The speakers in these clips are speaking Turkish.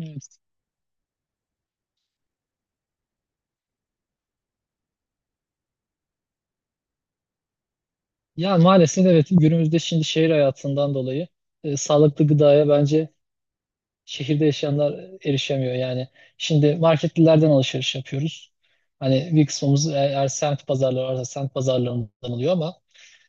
Evet. Ya maalesef evet günümüzde şimdi şehir hayatından dolayı sağlıklı gıdaya bence şehirde yaşayanlar erişemiyor. Yani şimdi marketlilerden alışveriş yapıyoruz. Hani bir kısmımız eğer semt pazarları varsa semt pazarlarından alıyor ama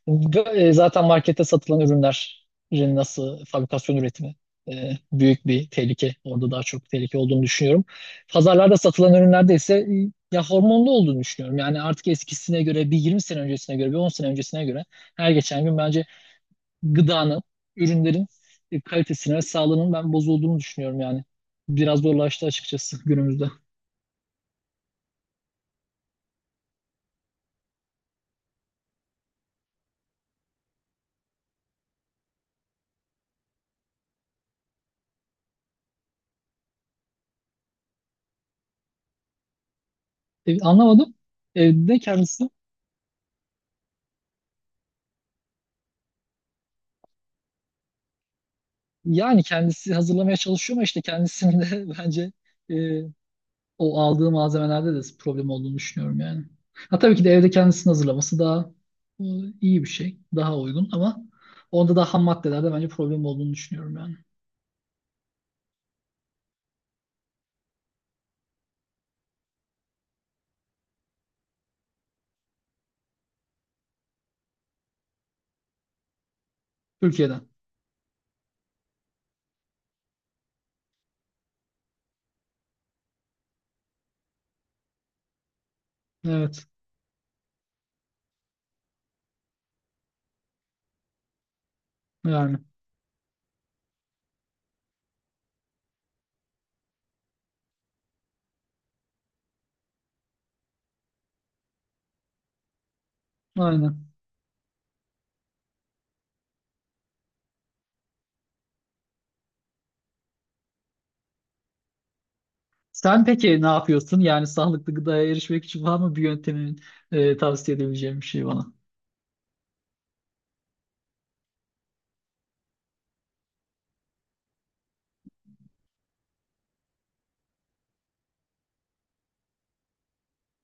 Zaten markette satılan ürünlerin nasıl fabrikasyon üretimi büyük bir tehlike. Orada daha çok tehlike olduğunu düşünüyorum. Pazarlarda satılan ürünlerde ise ya hormonlu olduğunu düşünüyorum. Yani artık eskisine göre bir 20 sene öncesine göre bir 10 sene öncesine göre her geçen gün bence gıdanın, ürünlerin kalitesine ve sağlığının ben bozulduğunu düşünüyorum yani. Biraz zorlaştı açıkçası günümüzde. Anlamadım. Evde kendisi yani kendisi hazırlamaya çalışıyor ama işte kendisinin de bence e, o aldığı malzemelerde de problem olduğunu düşünüyorum yani. Ha tabii ki de evde kendisini hazırlaması daha e, iyi bir şey, daha uygun ama onda da ham maddelerde bence problem olduğunu düşünüyorum yani. Türkiye'den. Evet. Yani. Aynen. Sen peki ne yapıyorsun? Yani sağlıklı gıdaya erişmek için var mı bir yöntemin tavsiye edebileceğim bir şey bana?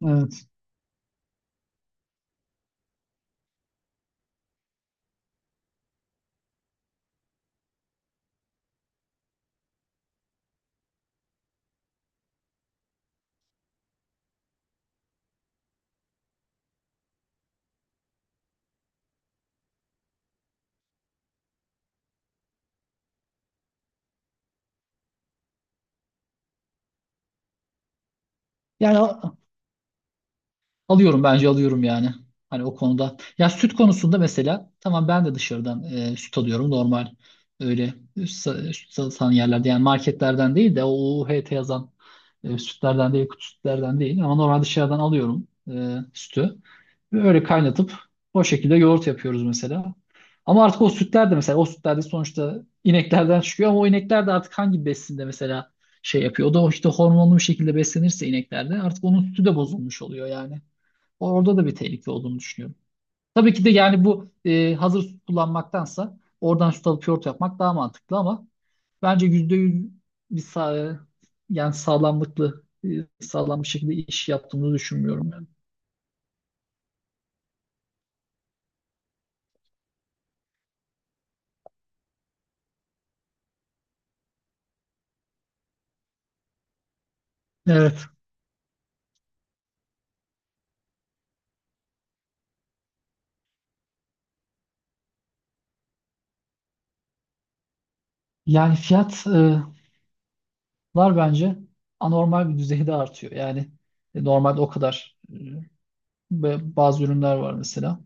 Evet. Yani alıyorum bence alıyorum yani. Hani o konuda. Ya süt konusunda mesela tamam ben de dışarıdan süt alıyorum normal öyle süt satan yerlerde yani marketlerden değil de o UHT yazan sütlerden değil kutu sütlerden değil ama normal dışarıdan alıyorum sütü. Ve öyle kaynatıp o şekilde yoğurt yapıyoruz mesela. Ama artık o sütler de mesela o sütler de sonuçta ineklerden çıkıyor ama o inekler de artık hangi besinde mesela şey yapıyor. O da işte hormonlu bir şekilde beslenirse ineklerde artık onun sütü de bozulmuş oluyor yani. Orada da bir tehlike olduğunu düşünüyorum. Tabii ki de yani bu hazır süt kullanmaktansa oradan süt alıp yoğurt yapmak daha mantıklı ama bence %100 bir yani sağlam bir şekilde iş yaptığımızı düşünmüyorum yani. Evet. Yani fiyatlar bence anormal bir düzeyde artıyor. Yani normalde o kadar ve bazı ürünler var mesela.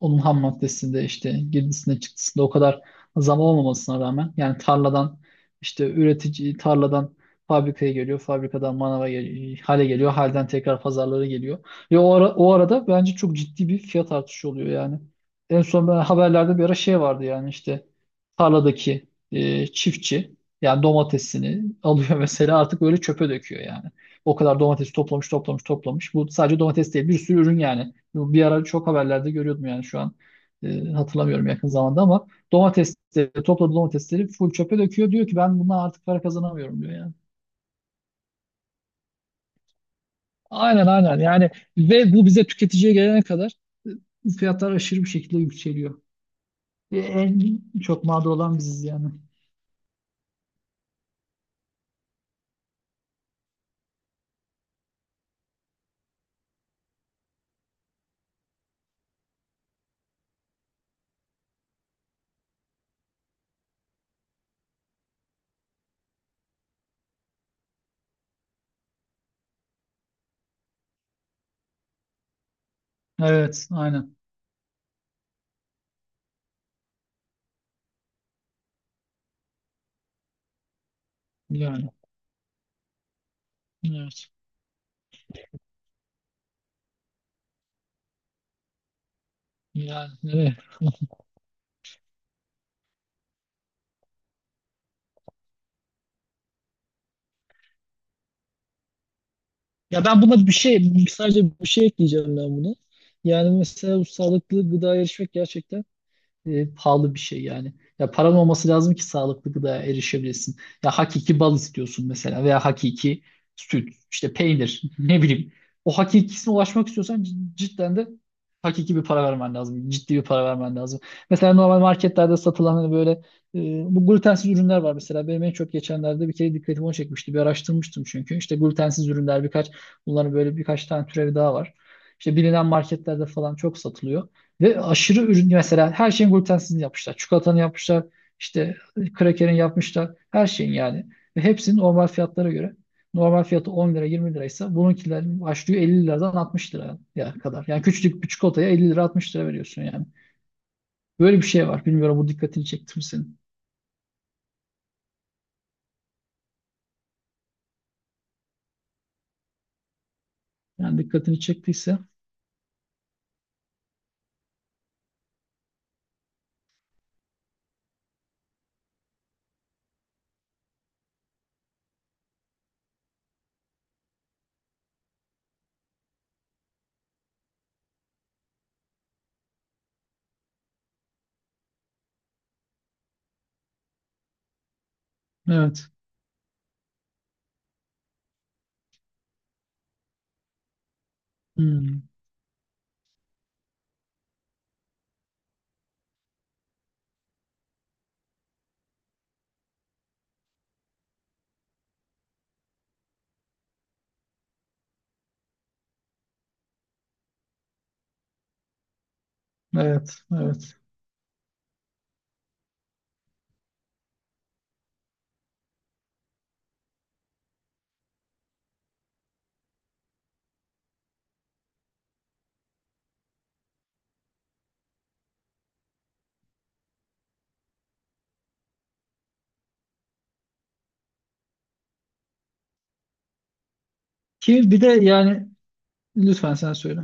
Onun ham maddesinde işte girdisinde çıktısında o kadar zam olmamasına rağmen yani tarladan işte üretici tarladan fabrikaya geliyor, fabrikadan manava hale geliyor, halden tekrar pazarlara geliyor. Ve o arada bence çok ciddi bir fiyat artışı oluyor yani. En son ben haberlerde bir ara şey vardı yani işte tarladaki çiftçi yani domatesini alıyor mesela artık böyle çöpe döküyor yani. O kadar domates toplamış toplamış toplamış. Bu sadece domates değil bir sürü ürün yani. Bu bir ara çok haberlerde görüyordum yani şu an hatırlamıyorum yakın zamanda ama domatesleri topladığı domatesleri full çöpe döküyor. Diyor ki ben bundan artık para kazanamıyorum diyor yani. Aynen aynen yani ve bu bize tüketiciye gelene kadar fiyatlar aşırı bir şekilde yükseliyor. En çok mağdur olan biziz yani. Evet aynen yani. Evet. Yani evet. Ya ben buna bir şey sadece bir şey ekleyeceğim ben buna. Yani mesela bu sağlıklı gıda erişmek gerçekten pahalı bir şey yani. Ya paran olması lazım ki sağlıklı gıdaya erişebilirsin. Ya hakiki bal istiyorsun mesela veya hakiki süt, işte peynir, ne bileyim. O hakikisine ulaşmak istiyorsan cidden de hakiki bir para vermen lazım. Ciddi bir para vermen lazım. Mesela normal marketlerde satılan hani böyle e, bu glutensiz ürünler var mesela. Benim en çok geçenlerde bir kere dikkatimi o çekmişti. Bir araştırmıştım çünkü. İşte glutensiz ürünler birkaç bunların böyle birkaç tane türevi daha var. İşte bilinen marketlerde falan çok satılıyor. Ve aşırı ürün mesela her şeyin glutensizini yapmışlar. Çikolatanı yapmışlar. İşte krakerin yapmışlar. Her şeyin yani. Ve hepsinin normal fiyatlara göre. Normal fiyatı 10 lira 20 liraysa bununkilerin başlıyor 50 liradan 60 liraya kadar. Yani küçücük bir çikolataya 50 lira 60 lira veriyorsun yani. Böyle bir şey var. Bilmiyorum bu dikkatini çekti mi senin? Yani dikkatini çektiyse evet. Hmm, evet, evet. Ki bir de yani lütfen sen söyle.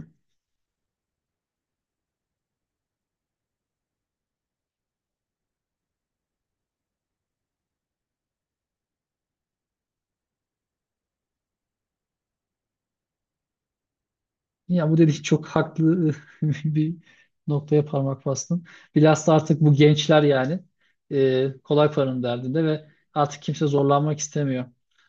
Ya bu dediğin çok haklı bir noktaya parmak bastın. Bilhassa artık bu gençler yani kolay paranın derdinde ve artık kimse zorlanmak istemiyor.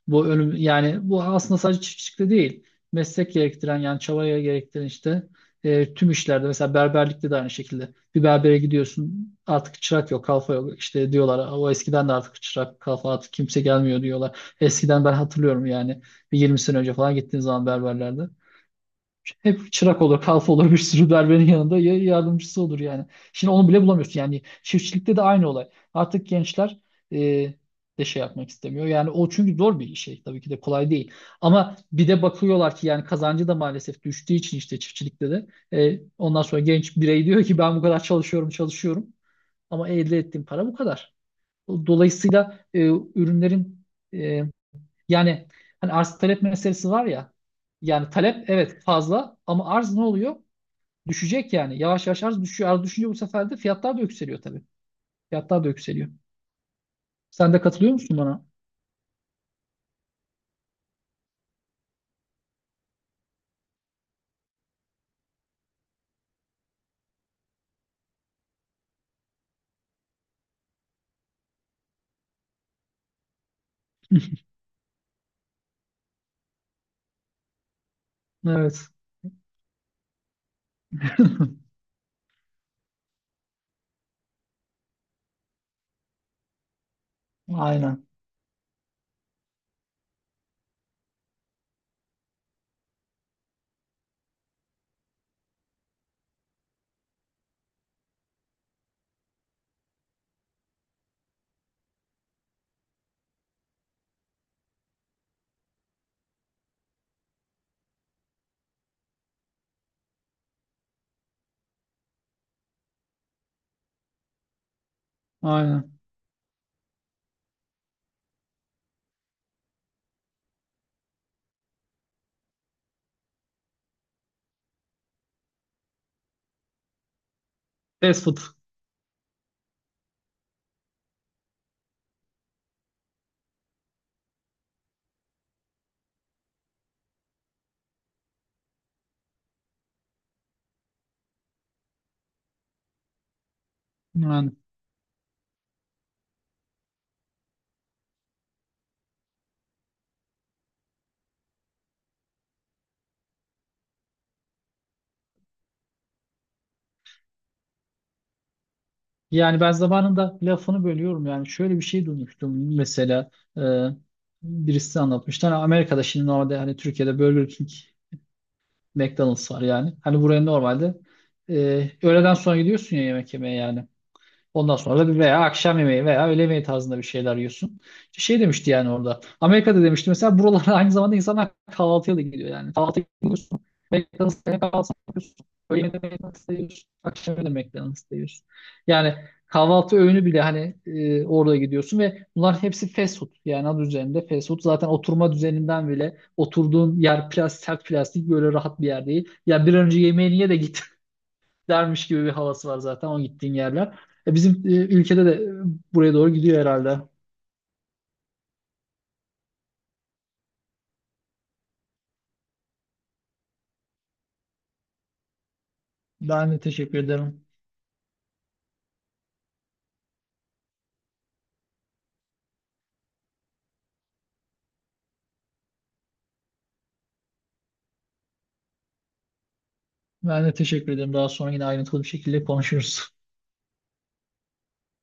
Bu ölüm yani bu aslında sadece çiftçilikte değil. Meslek gerektiren yani çabaya gerektiren işte tüm işlerde mesela berberlikte de aynı şekilde. Bir berbere gidiyorsun artık çırak yok kalfa yok işte diyorlar. O eskiden de artık çırak kalfa artık kimse gelmiyor diyorlar. Eskiden ben hatırlıyorum yani bir 20 sene önce falan gittiğin zaman berberlerde. Hep çırak olur, kalfa olur bir sürü berberin yanında ya yardımcısı olur yani. Şimdi onu bile bulamıyorsun yani. Çiftçilikte de aynı olay. Artık gençler e, de şey yapmak istemiyor. Yani o çünkü zor bir şey. Tabii ki de kolay değil. Ama bir de bakıyorlar ki yani kazancı da maalesef düştüğü için işte çiftçilikte de. Ondan sonra genç birey diyor ki ben bu kadar çalışıyorum, çalışıyorum. Ama elde ettiğim para bu kadar. Dolayısıyla ürünlerin e, yani hani arz talep meselesi var ya. Yani talep evet fazla ama arz ne oluyor? Düşecek yani. Yavaş yavaş arz düşüyor. Arz düşünce bu sefer de fiyatlar da yükseliyor tabii. Fiyatlar da yükseliyor. Sen de katılıyor musun bana? Evet. Aynen. Aynen. Fast food. Yani, yani ben zamanında lafını bölüyorum yani. Şöyle bir şey duymuştum mesela. e, Birisi anlatmıştı. Hani Amerika'da şimdi normalde hani Türkiye'de Burger King McDonald's var yani. Hani buraya normalde öğleden sonra gidiyorsun ya yemek yemeye yani. Ondan sonra da bir veya akşam yemeği veya öğle yemeği tarzında bir şeyler yiyorsun. İşte şey demişti yani orada. Amerika'da demişti mesela buralara aynı zamanda insanlar kahvaltıya da gidiyor yani. Kahvaltı gidiyorsun McDonald's'ta kahvaltı yapıyorsun. Öğle yemeğinde McDonald's'ta yiyorsun. Akşam yemeğinde McDonald's'ta yiyorsun. Yani kahvaltı öğünü bile hani orada gidiyorsun ve bunlar hepsi fast food. Yani adı üzerinde fast food. Zaten oturma düzeninden bile oturduğun yer plastik, sert plastik böyle rahat bir yer değil. Ya bir an önce yemeğini ye de git dermiş gibi bir havası var zaten o gittiğin yerler. Bizim ülkede de buraya doğru gidiyor herhalde. Ben de teşekkür ederim. Ben de teşekkür ederim. Daha sonra yine ayrıntılı bir şekilde konuşuruz.